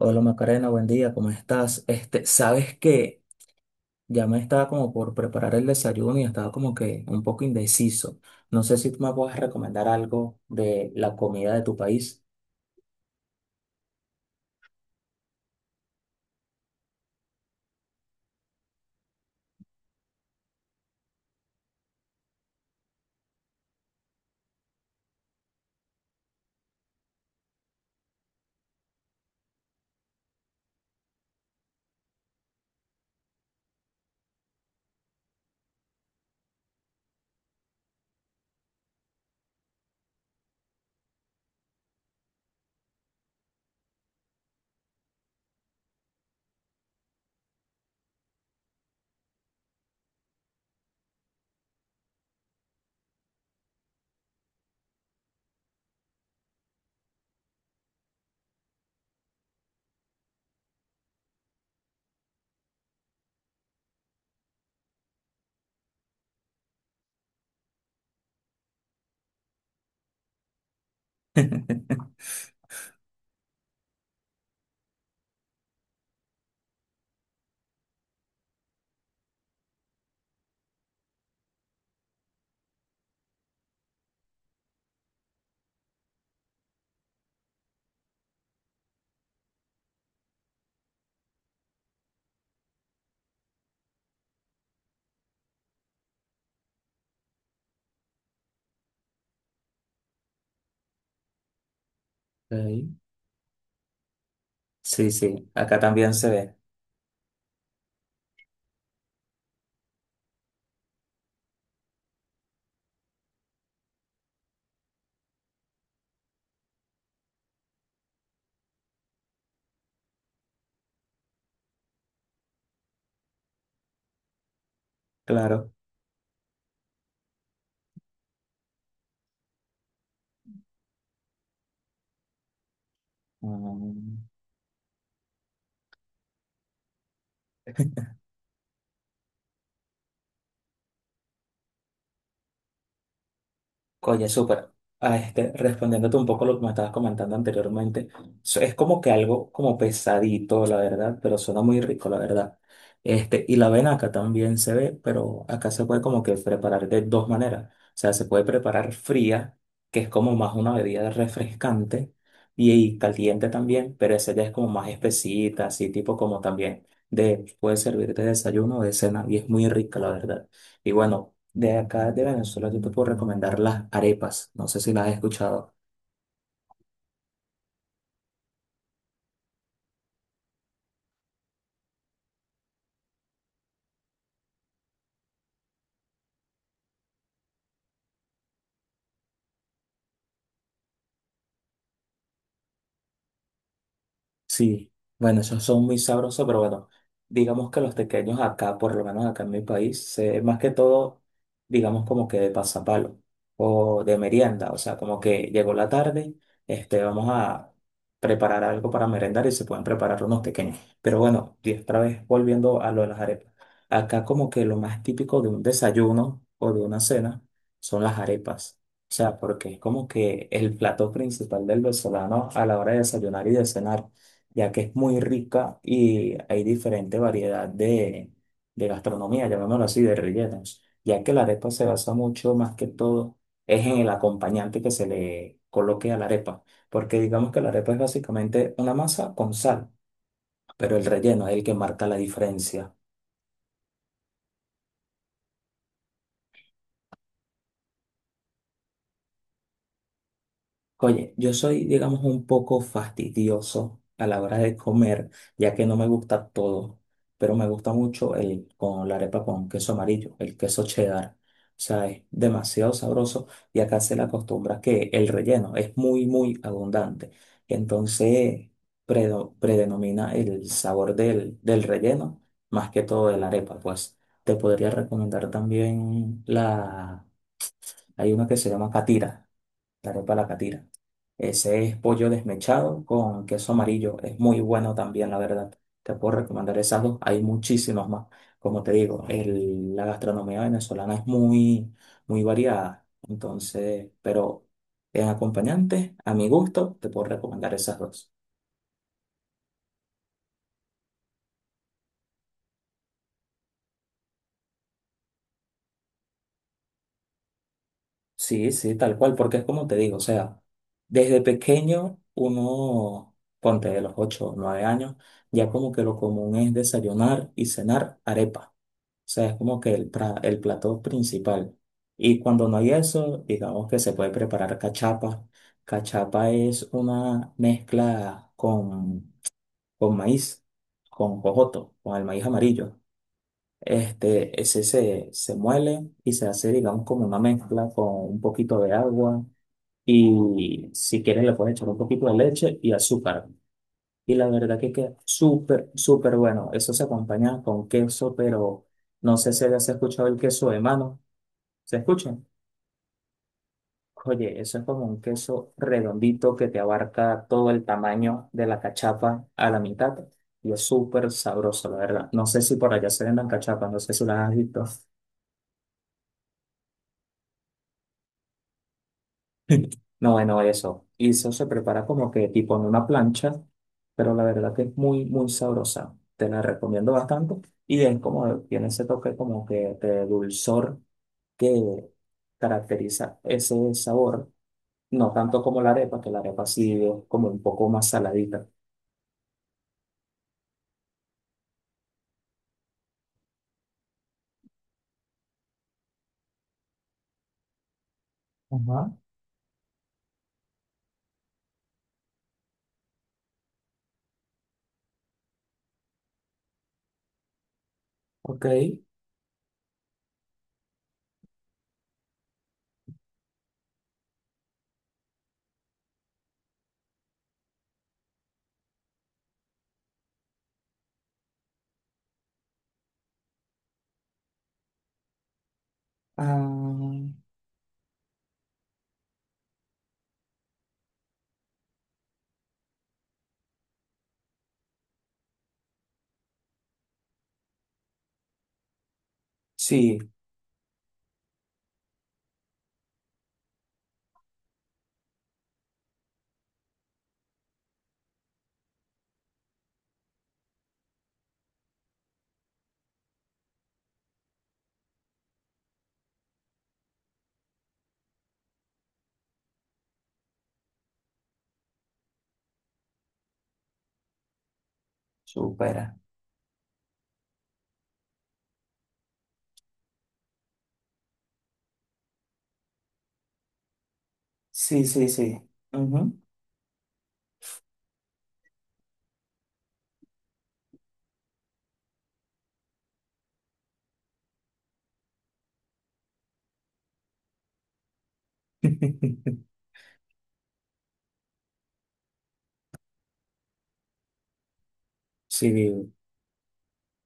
Hola Macarena, buen día, ¿cómo estás? Este, ¿sabes qué? Ya me estaba como por preparar el desayuno y estaba como que un poco indeciso. No sé si tú me puedes recomendar algo de la comida de tu país. Ok. Sí, sí, acá también se ve, claro. Mm. Oye, súper. Ah, este, respondiéndote un poco lo que me estabas comentando anteriormente, es como que algo como pesadito, la verdad, pero suena muy rico, la verdad. Este, y la venaca también se ve, pero acá se puede como que preparar de dos maneras. O sea, se puede preparar fría, que es como más una bebida refrescante, y caliente también, pero esa ya es como más espesita, así tipo como también de, puede servirte de desayuno o de cena, y es muy rica, la verdad. Y bueno. De acá de Venezuela yo te puedo recomendar las arepas. No sé si las has escuchado. Sí, bueno, esos son muy sabrosos, pero bueno, digamos que los tequeños acá, por lo menos acá en mi país, más que todo, digamos como que de pasapalo o de merienda, o sea, como que llegó la tarde, este, vamos a preparar algo para merendar y se pueden preparar unos tequeños. Pero bueno, y otra vez volviendo a lo de las arepas. Acá como que lo más típico de un desayuno o de una cena son las arepas. O sea, porque es como que el plato principal del venezolano a la hora de desayunar y de cenar ya que es muy rica y hay diferente variedad de, gastronomía, llamémoslo así, de rellenos, ya que la arepa se basa mucho más que todo es en el acompañante que se le coloque a la arepa, porque digamos que la arepa es básicamente una masa con sal, pero el relleno es el que marca la diferencia. Oye, yo soy, digamos, un poco fastidioso a la hora de comer, ya que no me gusta todo, pero me gusta mucho el con la arepa con queso amarillo, el queso cheddar. O sea, es demasiado sabroso y acá se le acostumbra que el relleno es muy, muy abundante. Entonces, predenomina el sabor del relleno más que todo de la arepa. Pues te podría recomendar también hay una que se llama catira la arepa de la catira. Ese es pollo desmechado con queso amarillo. Es muy bueno también, la verdad. Te puedo recomendar esas dos. Hay muchísimas más. Como te digo, la gastronomía venezolana es muy, muy variada. Entonces, pero en acompañante, a mi gusto, te puedo recomendar esas dos. Sí, sí, tal cual, porque es como te digo, o sea, desde pequeño uno, ponte de los 8, o 9 años, ya como que lo común es desayunar y cenar arepa. O sea, es como que el plato principal. Y cuando no hay eso, digamos que se puede preparar cachapa. Cachapa es una mezcla con, maíz, con jojoto, con el maíz amarillo. Este, ese se muele y se hace, digamos, como una mezcla con un poquito de agua. Y si quieres, le puedes echar un poquito de leche y azúcar. Y la verdad que queda súper, súper bueno. Eso se acompaña con queso, pero no sé si has escuchado el queso de mano. ¿Se escucha? Oye, eso es como un queso redondito que te abarca todo el tamaño de la cachapa a la mitad. Y es súper sabroso, la verdad. No sé si por allá se vendan cachapas, no sé si las has visto. No, bueno, eso. Y eso se prepara como que tipo en una plancha, pero la verdad que es muy, muy sabrosa. Te la recomiendo bastante. Y es como, tiene ese toque como que de dulzor que caracteriza ese sabor. No tanto como la arepa, que la arepa sí es como un poco más saladita. Ajá. Ok. Ah, sí, supera. Sí, sí, sí. Ujú. Sí.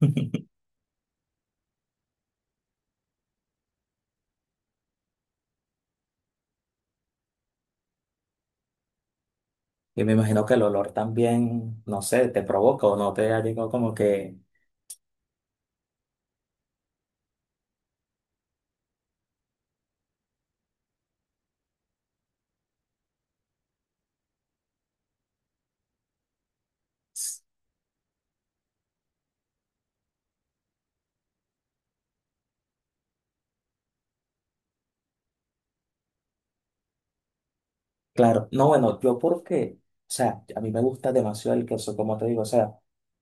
Y me imagino que el olor también, no sé, te provoca o no te ha llegado como que, s- claro, no, bueno, yo porque, o sea, a mí me gusta demasiado el queso, como te digo, o sea,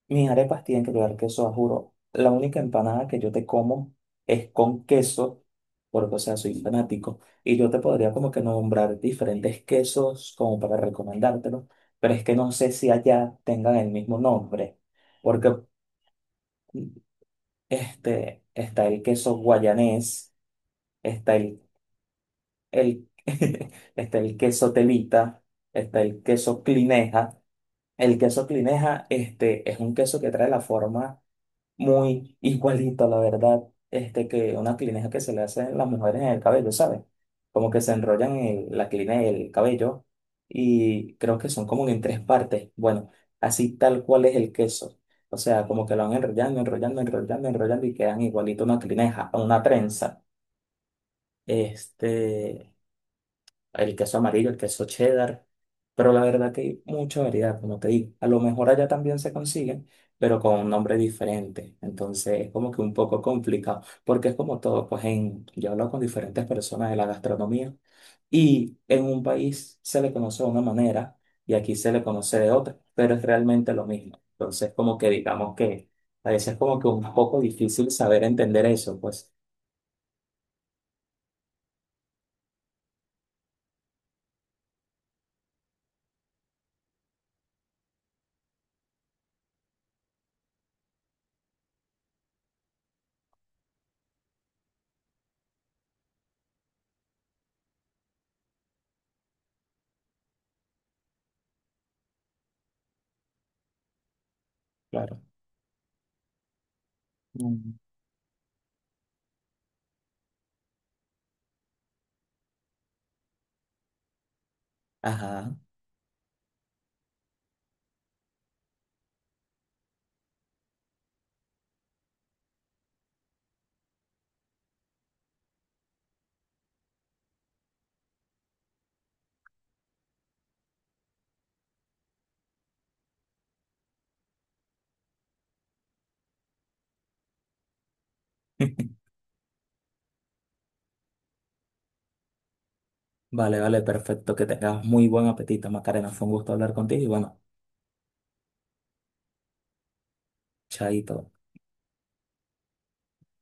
mis arepas tienen que llevar queso, a juro. La única empanada que yo te como es con queso, porque, o sea, soy fanático, y yo te podría como que nombrar diferentes quesos como para recomendártelo, pero es que no sé si allá tengan el mismo nombre, porque mm, este, está el queso guayanés está el, está el queso telita, está el queso clineja. El queso clineja, este, es un queso que trae la forma muy igualito, la verdad, este, que una clineja que se le hacen las mujeres en el cabello, ¿sabes? Como que se enrollan en la clineja el cabello y creo que son como en 3 partes. Bueno, así tal cual es el queso. O sea, como que lo van enrollando, enrollando, enrollando, enrollando y quedan igualito a una clineja, a una trenza. Este, el queso amarillo, el queso cheddar, pero la verdad que hay mucha variedad, como te digo. A lo mejor allá también se consiguen, pero con un nombre diferente. Entonces es como que un poco complicado, porque es como todo, pues yo he hablado con diferentes personas de la gastronomía y en un país se le conoce de una manera y aquí se le conoce de otra, pero es realmente lo mismo. Entonces como que digamos que a veces es como que un poco difícil saber entender eso, pues claro. Mm. Ajá. Vale, vale, perfecto. Que tengas muy buen apetito, Macarena. Fue un gusto hablar contigo y bueno, chaito.